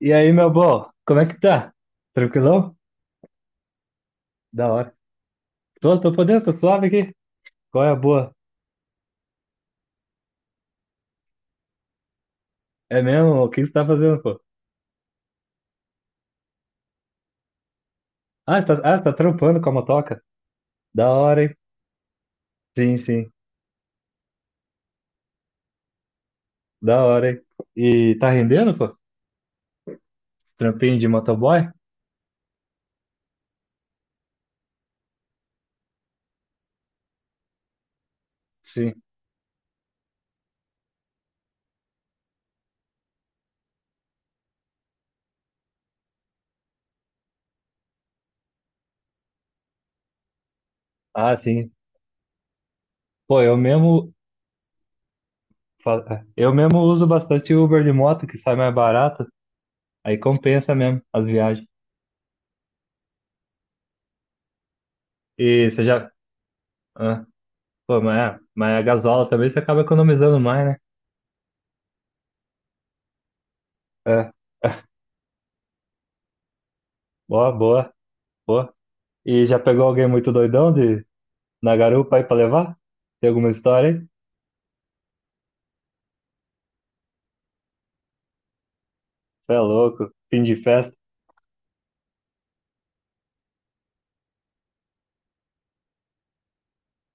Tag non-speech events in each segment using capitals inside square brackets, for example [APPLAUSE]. E aí, meu bom, como é que tá? Tranquilão? Da hora. Tô podendo, tô suave aqui. Qual é a boa? É mesmo? O que você tá fazendo, pô? Ah, você tá trampando com a motoca? Da hora, hein? Sim, sim. Da hora, hein? E tá rendendo, pô? Trampinho de motoboy? Sim. Ah, sim. Pô, eu mesmo uso bastante Uber de moto, que sai mais barato. Aí compensa mesmo as viagens. E você já. Ah, pô, mas, mas a gasola também você acaba economizando mais, né? É. [LAUGHS] Boa, boa. Boa. E já pegou alguém muito doidão de na garupa aí pra levar? Tem alguma história aí? Cê é louco, fim de festa.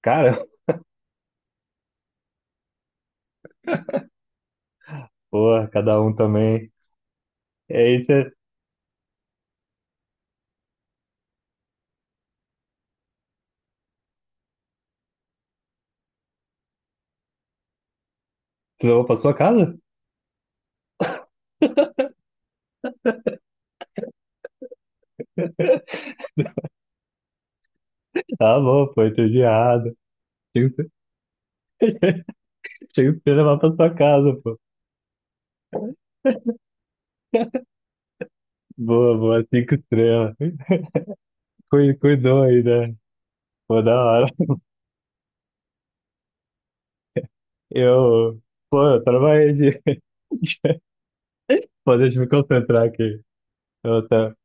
Cara, [LAUGHS] porra, cada um também. E aí você levou pra sua casa? [LAUGHS] Tá bom, foi entediado. Tinha que ser [LAUGHS] tinha que ser levar pra sua casa, pô. Boa, boa, cinco estrelas. Cuidou aí, né? Pô, da hora. Eu, pô, eu trabalhei de. [LAUGHS] Pô, deixa eu me concentrar aqui. Eu, tá.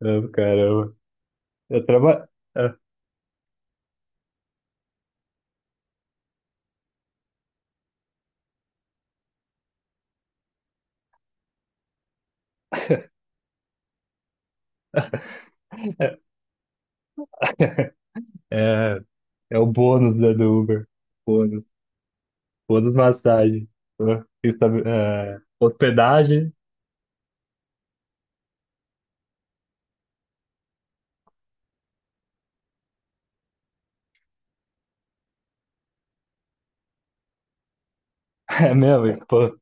Eu, caramba. Eu trabalho. [LAUGHS] É o bônus né, do Uber. Bônus. Bônus massagem. Pô, isso é, hospedagem. [LAUGHS] É mesmo. E, pô,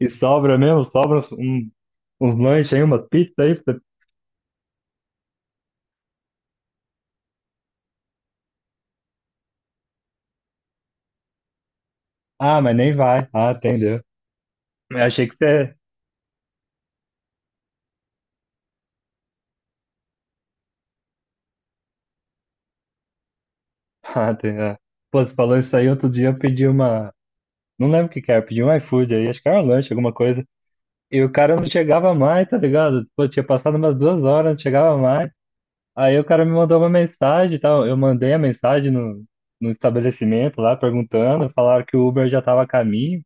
e sobra mesmo? Sobra uns lanches aí, umas pizzas aí. Pra você- Ah, mas nem vai. Ah, entendeu. Eu achei que você. [LAUGHS] Ah, entendeu. Pô, você falou isso aí outro dia. Eu pedi uma. Não lembro o que que era. Eu pedi um iFood aí. Acho que era um lanche, alguma coisa. E o cara não chegava mais, tá ligado? Pô, tinha passado umas 2 horas, não chegava mais. Aí o cara me mandou uma mensagem e tal. Eu mandei a mensagem no estabelecimento lá, perguntando. Falaram que o Uber já estava a caminho.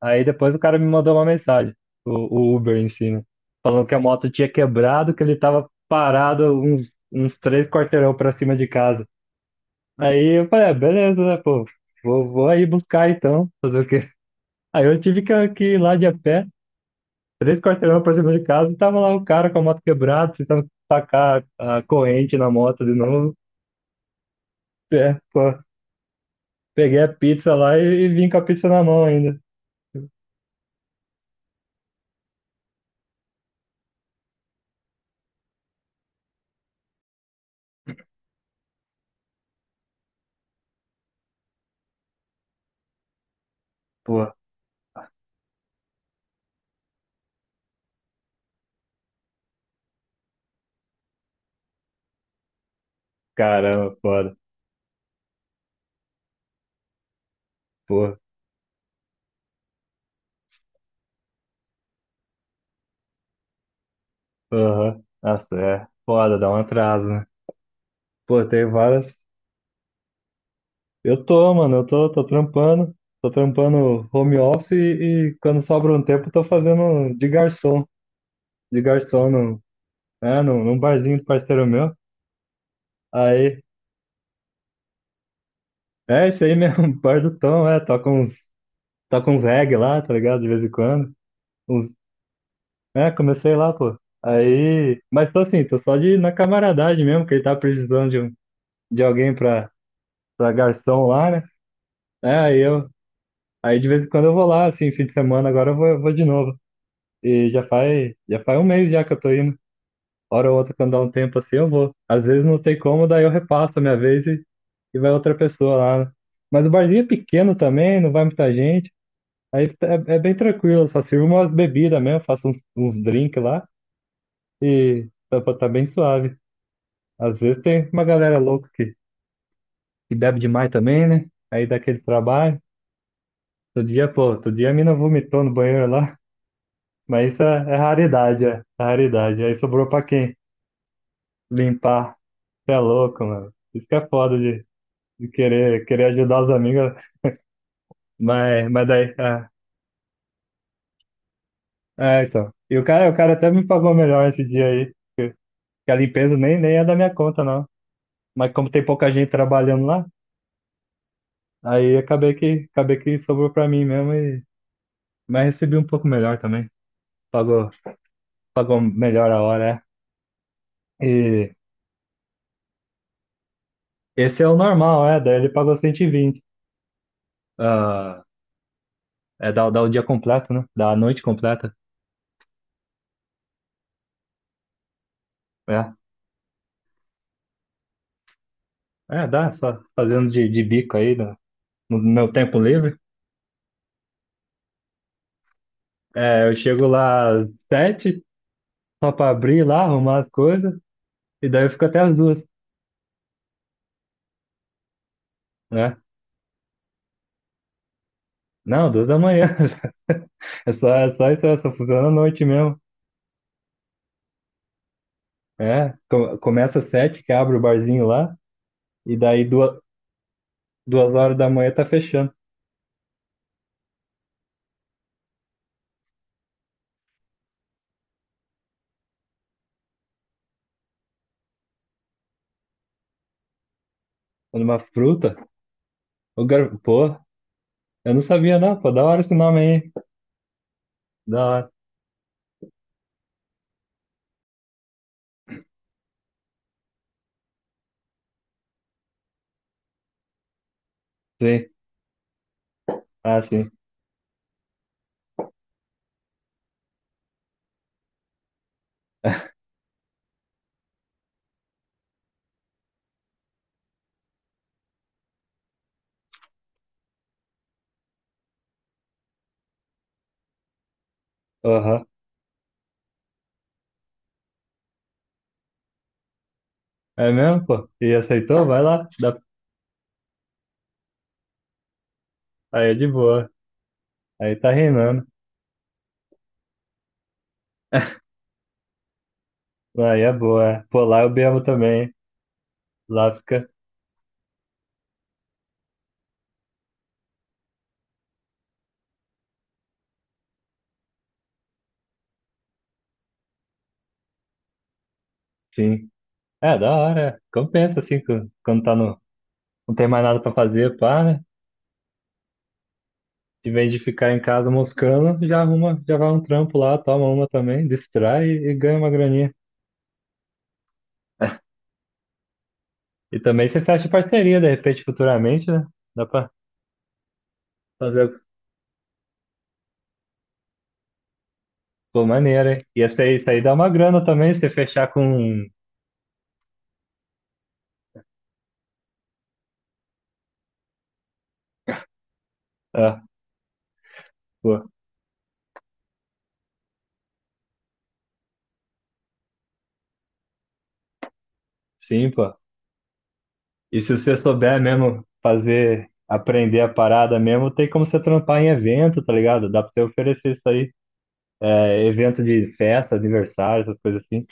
Aí depois o cara me mandou uma mensagem, o, o Uber em si, né? Falando que a moto tinha quebrado, que ele estava parado uns 3 quarteirão para cima de casa. Aí eu falei, ah, beleza, né, pô? Vou aí buscar então, fazer o quê? Aí eu tive que ir lá de a pé, 3 quarteirão pra cima de casa, e tava lá o cara com a moto quebrada, tentando tacar a corrente na moto de novo. É, pô, peguei a pizza lá e vim com a pizza na mão ainda. Pô, caramba, foda. Pô, aham. Nossa, é foda, dá um atraso, né? Pô, tem várias. Eu tô, mano, eu tô trampando. Tô trampando home office e quando sobra um tempo, eu tô fazendo de garçom. De garçom num barzinho do parceiro meu. Aí, é isso aí mesmo, [LAUGHS] bar do Tom, é. Toca uns reggae lá, tá ligado? De vez em quando. Uns É, comecei lá, pô. Aí, mas tô assim, tô só de na camaradagem mesmo, que ele tá precisando de alguém pra, garçom lá, né? É, aí de vez em quando eu vou lá, assim, fim de semana, agora eu vou de novo. E já faz um mês já que eu tô indo. Hora ou outra, quando dá um tempo assim, eu vou. Às vezes não tem como, daí eu repasso a minha vez e vai outra pessoa lá, né? Mas o barzinho é pequeno também, não vai muita gente. Aí é bem tranquilo, só sirvo umas bebidas mesmo, faço uns drinks lá e tá bem suave. Às vezes tem uma galera louca que bebe demais também, né? Aí dá aquele trabalho. Todo dia, pô, outro dia a mina vomitou no banheiro lá. Mas isso é raridade, é raridade. Aí sobrou pra quem? Limpar. Você é louco, mano. Isso que é foda de querer ajudar os amigos. Mas daí, é, então. E o cara até me pagou melhor esse dia aí. Que a limpeza nem é da minha conta, não. Mas como tem pouca gente trabalhando lá, aí acabei que sobrou pra mim mesmo e, mas recebi um pouco melhor também. Pagou pagou melhor a hora, é. E esse é o normal, é. Daí ele pagou 120. Ah, é, dá o dia completo, né? Dá a noite completa. É, é dá, só fazendo de bico aí no meu tempo livre. É, eu chego lá às 7, só pra abrir lá, arrumar as coisas, e daí eu fico até as 2, né? Não, 2 da manhã. [LAUGHS] É só isso. É só funciona à noite mesmo. É, começa às 7, que abre o barzinho lá, e daí duas horas da manhã tá fechando. Uma fruta, o gar. Pô, eu não sabia, não, pô. Da hora esse nome aí. Da hora. Sim. Ah, sim. [LAUGHS] Aham. É mesmo, pô? E aceitou? Vai lá. Dá- Aí é de boa. Aí tá reinando. Aí é boa. É. Pô, lá eu bebo também. Lá fica. Sim. É, da hora. É. Compensa, assim, quando tá no. Não tem mais nada pra fazer, pá, né? Em vez de ficar em casa moscando, já arruma, já vai um trampo lá, toma uma também, distrai e ganha uma graninha. E também você fecha parceria, de repente, futuramente, né? Dá pra fazer. Pô, maneiro, hein? E essa aí, isso aí dá uma grana também, se você fechar com. Um, ah, pô, sim, pô. E se você souber mesmo fazer, aprender a parada mesmo, tem como você trampar em evento, tá ligado? Dá pra você oferecer isso aí. É, evento de festa, aniversário, essas coisas assim.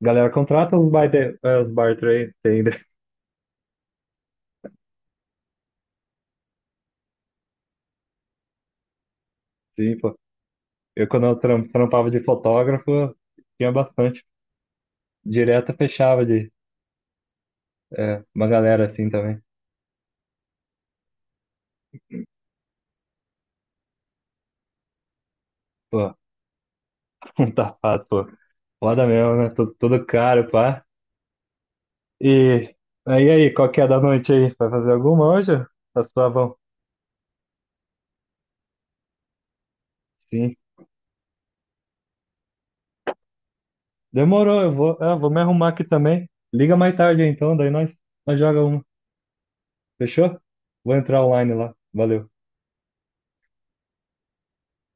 Galera, contrata os bar trade, tem, né? [LAUGHS] Sim, pô. Eu, quando eu trampava de fotógrafo, tinha bastante. Direto fechava de é, uma galera assim também. Pô, [LAUGHS] um tapado, pô. Foda mesmo, né? Tudo caro, pá. E aí, qual que é da noite aí? Vai fazer alguma hoje? Tá suavão? Sim. Demorou, eu vou me arrumar aqui também. Liga mais tarde então, daí nós joga uma. Fechou? Vou entrar online lá. Valeu.